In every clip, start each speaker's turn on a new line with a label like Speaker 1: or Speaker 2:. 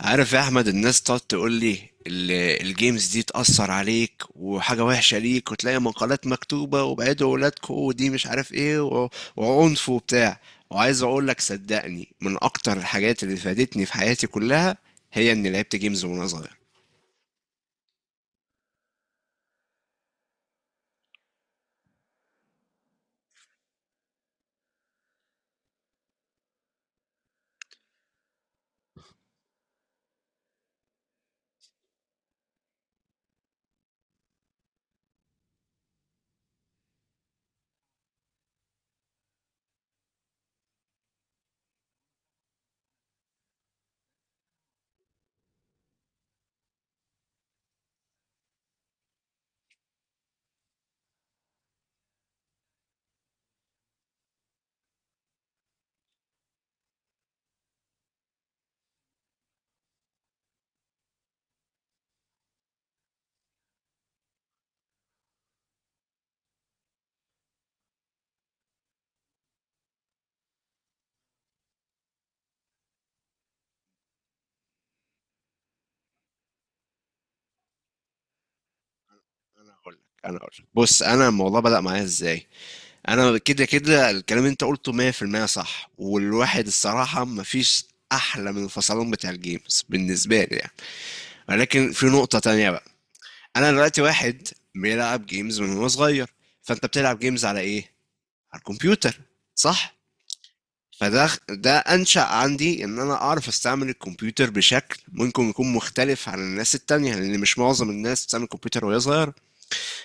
Speaker 1: عارف يا احمد، الناس تقعد تقول لي ال- الجيمز دي تأثر عليك وحاجة وحشة ليك، وتلاقي مقالات مكتوبة وبعدوا ولادكم ودي مش عارف ايه وعنف وبتاع. وعايز اقول لك صدقني، من اكتر الحاجات اللي فادتني في حياتي كلها هي اني لعبت جيمز وانا صغير. انا هقول لك انا هقول لك. بص، انا الموضوع بدأ معايا ازاي. انا كده كده الكلام اللي انت قلته 100% صح، والواحد الصراحة مفيش احلى من الفصلان بتاع الجيمز بالنسبة لي يعني. ولكن في نقطة تانية. انا دلوقتي واحد بيلعب جيمز من وهو صغير. فانت بتلعب جيمز على ايه؟ على الكمبيوتر، صح. فده انشأ عندي ان انا اعرف استعمل الكمبيوتر بشكل ممكن يكون مختلف عن الناس التانية، لان مش معظم الناس بتستعمل الكمبيوتر وهي صغيرة.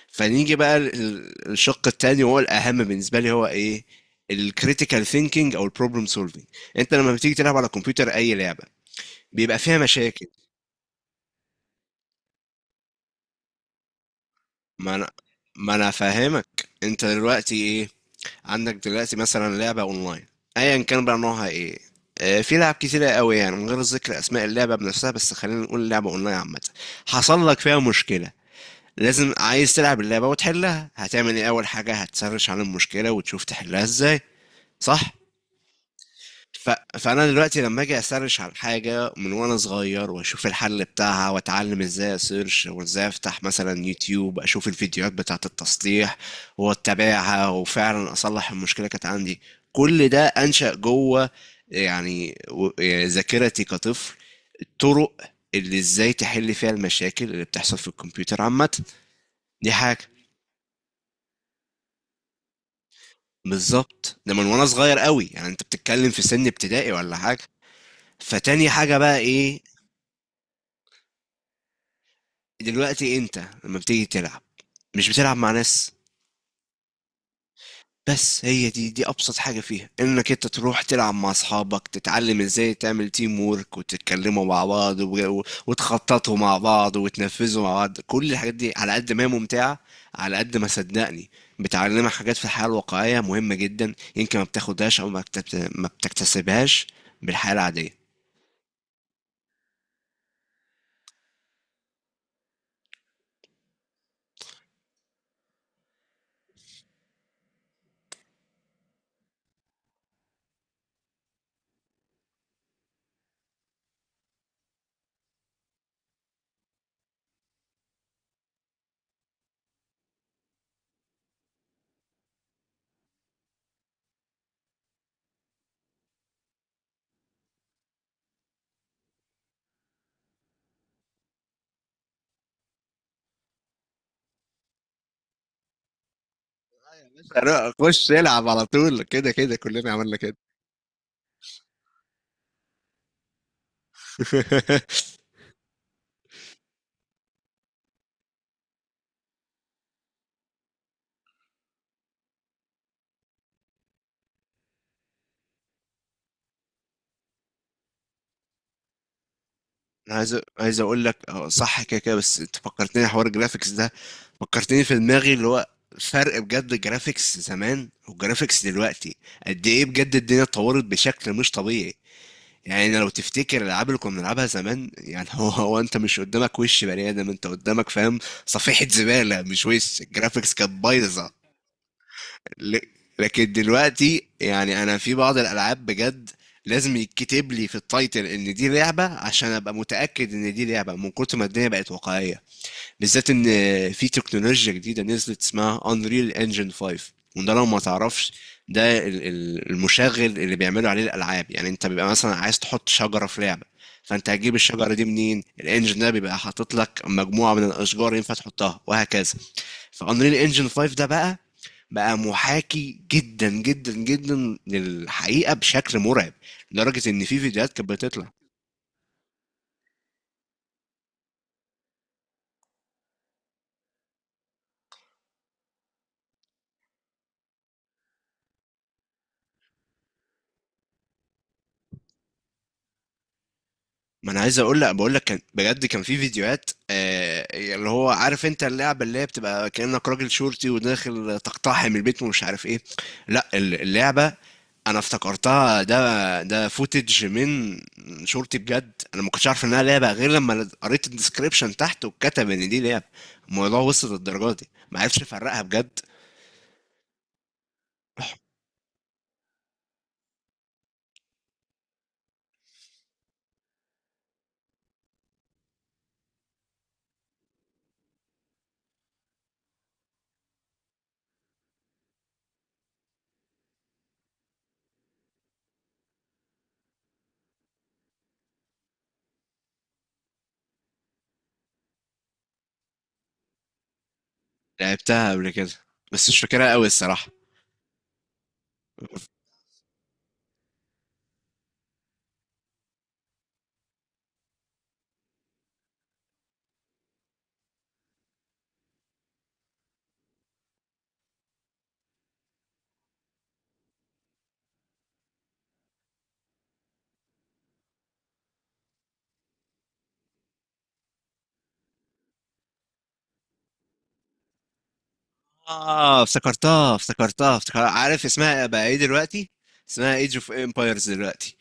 Speaker 1: فنيجي بقى الشق التاني وهو الاهم بالنسبة لي هو ايه؟ الكريتيكال ثينكينج او البروبلم سولفينج. انت لما بتيجي تلعب على الكمبيوتر اي لعبة بيبقى فيها مشاكل. ما انا ما انا فاهمك انت دلوقتي ايه. عندك دلوقتي مثلا لعبة اونلاين، ايا كان بقى نوعها ايه. في لعب كتيرة قوي يعني، من غير ذكر اسماء اللعبة بنفسها، بس خلينا نقول لعبة اونلاين عامة. حصل لك فيها مشكلة، لازم عايز تلعب اللعبة وتحلها، هتعمل ايه؟ اول حاجة هتسرش عن المشكلة وتشوف تحلها ازاي، صح؟ ف... فانا دلوقتي لما اجي اسرش على حاجه من وانا صغير واشوف الحل بتاعها واتعلم ازاي اسيرش وازاي افتح مثلا يوتيوب اشوف الفيديوهات بتاعه التصليح واتابعها وفعلا اصلح المشكله كانت عندي. كل ده انشا جوه يعني يعني ذاكرتي كطفل، الطرق اللي ازاي تحل فيها المشاكل اللي بتحصل في الكمبيوتر عامه. دي حاجه. بالظبط، ده من وانا صغير قوي يعني، انت بتتكلم في سن ابتدائي ولا حاجه. فتاني حاجة بقى ايه؟ دلوقتي انت لما بتيجي تلعب مش بتلعب مع ناس؟ بس هي دي ابسط حاجة فيها، انك انت تروح تلعب مع اصحابك، تتعلم ازاي تعمل تيم وورك وتتكلموا مع بعض وتخططوا مع بعض وتنفذوا مع بعض. كل الحاجات دي على قد ما هي ممتعة، على قد ما صدقني بتعلمك حاجات في الحياة الواقعية مهمة جدا، يمكن ما بتاخدهاش او ما بتكتسبهاش بالحياة العادية. لا، خش العب على طول، كده كده كلنا عملنا كده. انا عايز اقول لك اه صح كده كده، بس انت فكرتني حوار الجرافيكس ده، فكرتني في دماغي اللي هو فرق بجد الجرافيكس زمان والجرافيكس دلوقتي. قد ايه بجد الدنيا اتطورت بشكل مش طبيعي! يعني لو تفتكر الالعاب اللي كنا بنلعبها زمان يعني، هو هو انت مش قدامك وش بني ادم، انت قدامك فاهم صفيحة زبالة، مش وش. الجرافيكس كانت بايظة. ل- لكن دلوقتي يعني انا في بعض الالعاب بجد لازم يتكتب لي في التايتل ان دي لعبه عشان ابقى متاكد ان دي لعبه، من كتر ما الدنيا بقت واقعيه. بالذات ان في تكنولوجيا جديده نزلت اسمها Unreal Engine 5، وده لو ما تعرفش، ده المشغل اللي بيعملوا عليه الالعاب. يعني انت بيبقى مثلا عايز تحط شجره في لعبه، فانت هتجيب الشجره دي منين؟ الانجن ده بيبقى حاطط لك مجموعه من الاشجار ينفع تحطها، وهكذا. فانريل انجن 5 ده بقى، بقى محاكي جدا جدا جدا للحقيقة بشكل مرعب، لدرجة ان في فيديوهات كانت بتطلع. ما انا عايز اقول لك، بقول لك كان بجد كان في فيديوهات، اللي هو عارف انت اللعبه اللي هي بتبقى كانك راجل شرطي وداخل تقتحم البيت ومش عارف ايه، لا اللعبه انا افتكرتها، ده فوتج من شرطي بجد، انا ما كنتش عارف انها لعبه غير لما قريت الديسكريبشن تحت وكتب ان دي لعبه. الموضوع وصل للدرجه دي، ما عرفش افرقها بجد. لعبتها قبل كده بس مش فاكرها قوي الصراحة. اه، افتكرتها. عارف اسمها بقى ايه دلوقتي؟ اسمها ايج اوف امبايرز دلوقتي.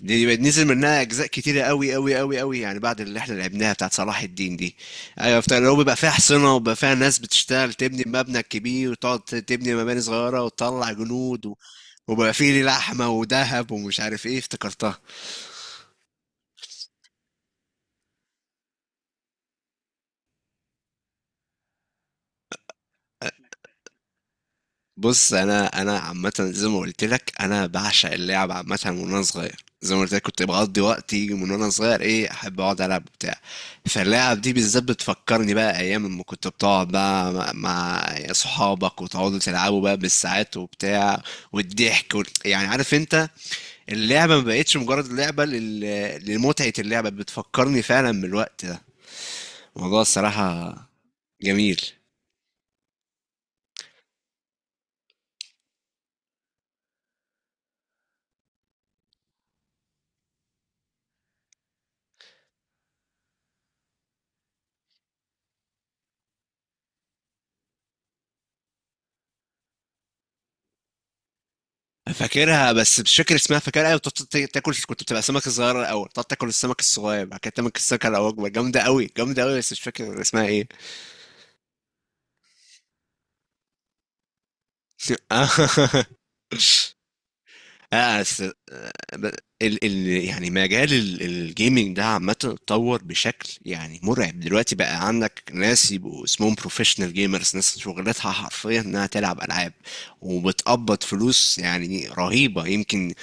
Speaker 1: دي بقت نزل منها اجزاء كتيرة قوي قوي قوي قوي يعني، بعد اللي احنا لعبناها بتاعت صلاح الدين دي. ايوه افتكر، اللي هو بيبقى فيها حصنة وبيبقى فيها ناس بتشتغل تبني مبنى كبير، وتقعد تبني مباني صغيرة وتطلع جنود وبيبقى فيه لحمة وذهب ومش عارف ايه. افتكرتها. بص، انا عامه زي ما قلت لك، انا بعشق اللعب عامه من وانا صغير. زي ما قلت لك، كنت بقضي وقتي من وانا صغير ايه، احب اقعد العب بتاع. فاللعب دي بالذات بتفكرني بقى ايام اما كنت بتقعد بقى مع صحابك، وتقعدوا تلعبوا بقى بالساعات وبتاع، والضحك يعني عارف انت، اللعبه ما بقتش مجرد لعبه لمتعه، اللعبه بتفكرني فعلا بالوقت ده، الموضوع الصراحه جميل. فاكرها بس مش فاكر اسمها، فاكرها، ايوه، بتقعد تاكل، كنت بتبقى سمكه صغيره الاول تقعد تاكل السمك الصغير، بعد كده تاكل السمكه الاكبر، جامده قوي جامده قوي، بس مش فاكر اسمها ايه. اه آه، ب- ال ال يعني مجال الجيمنج ده عامة اتطور بشكل يعني مرعب. دلوقتي بقى عندك ناس يبقوا اسمهم بروفيشنال جيمرز، ناس شغلتها حرفيا انها تلعب العاب وبتقبض فلوس يعني رهيبة، يمكن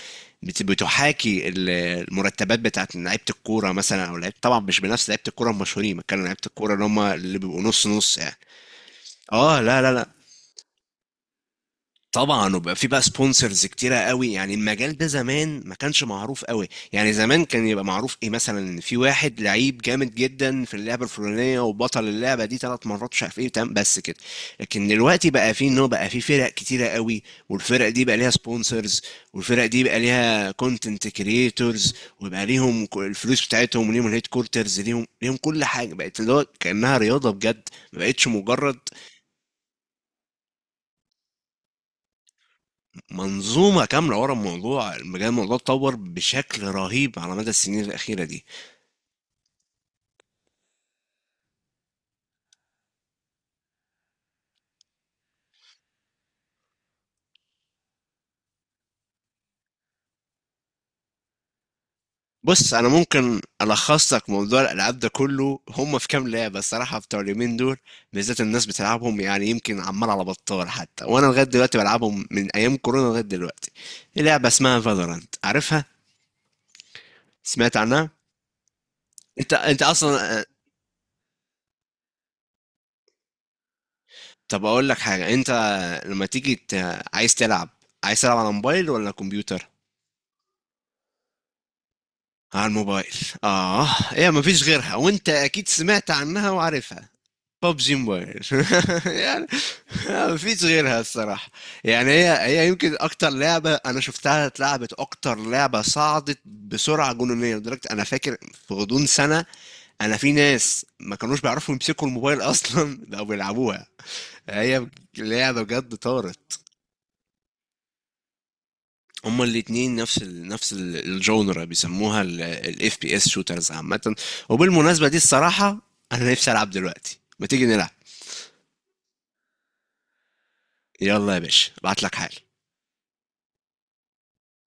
Speaker 1: بتحاكي المرتبات بتاعت لعيبة الكورة مثلا، او لعيبة، طبعا مش بنفس لعيبة الكورة المشهورين، بتكلم عن لعيبة الكورة اللي هم اللي بيبقوا نص نص يعني. اه، لا، طبعا. وبقى في بقى سبونسرز كتيره قوي. يعني المجال ده زمان ما كانش معروف قوي، يعني زمان كان يبقى معروف ايه، مثلا إن في واحد لعيب جامد جدا في اللعبه الفلانيه وبطل اللعبه دي 3 مرات مش عارف ايه، تمام، بس كده. لكن دلوقتي بقى في، ان هو بقى في فرق كتيره قوي، والفرق دي بقى ليها سبونسرز، والفرق دي بقى ليها كونتنت كريتورز، ويبقى ليهم الفلوس بتاعتهم، وليهم الهيد كورترز، ليهم كل حاجه بقت اللي هو كانها رياضه بجد، ما بقتش مجرد. منظومة كاملة ورا الموضوع بجد، الموضوع اتطور بشكل رهيب على مدى السنين الأخيرة دي. بص، أنا ممكن ألخص لك موضوع الألعاب ده كله، هم في كام لعبة الصراحة بتوع اليومين دول بالذات الناس بتلعبهم، يعني يمكن عمال على بطال، حتى وأنا لغاية دلوقتي بلعبهم من أيام كورونا لغاية دلوقتي. دي لعبة اسمها فالورانت، عارفها؟ سمعت عنها؟ أنت أصلا، طب أقول لك حاجة، أنت لما تيجي عايز تلعب، عايز تلعب على موبايل ولا كمبيوتر؟ على الموبايل، اه. هي ما فيش غيرها، وانت اكيد سمعت عنها وعارفها. ببجي موبايل. يعني ما فيش غيرها الصراحة. يعني هي يمكن اكتر لعبة انا شفتها اتلعبت، اكتر لعبة صعدت بسرعة جنونية، لدرجة انا فاكر في غضون سنة انا، في ناس ما كانوش بيعرفوا يمسكوا الموبايل اصلا بقوا بيلعبوها. هي لعبة بجد طارت. هما الاتنين نفس الجونرا، بيسموها الاف بي اس شوترز عامة. وبالمناسبة دي الصراحة انا نفسي العب دلوقتي، ما تيجي نلعب؟ يلا يا باشا، ابعت لك حال.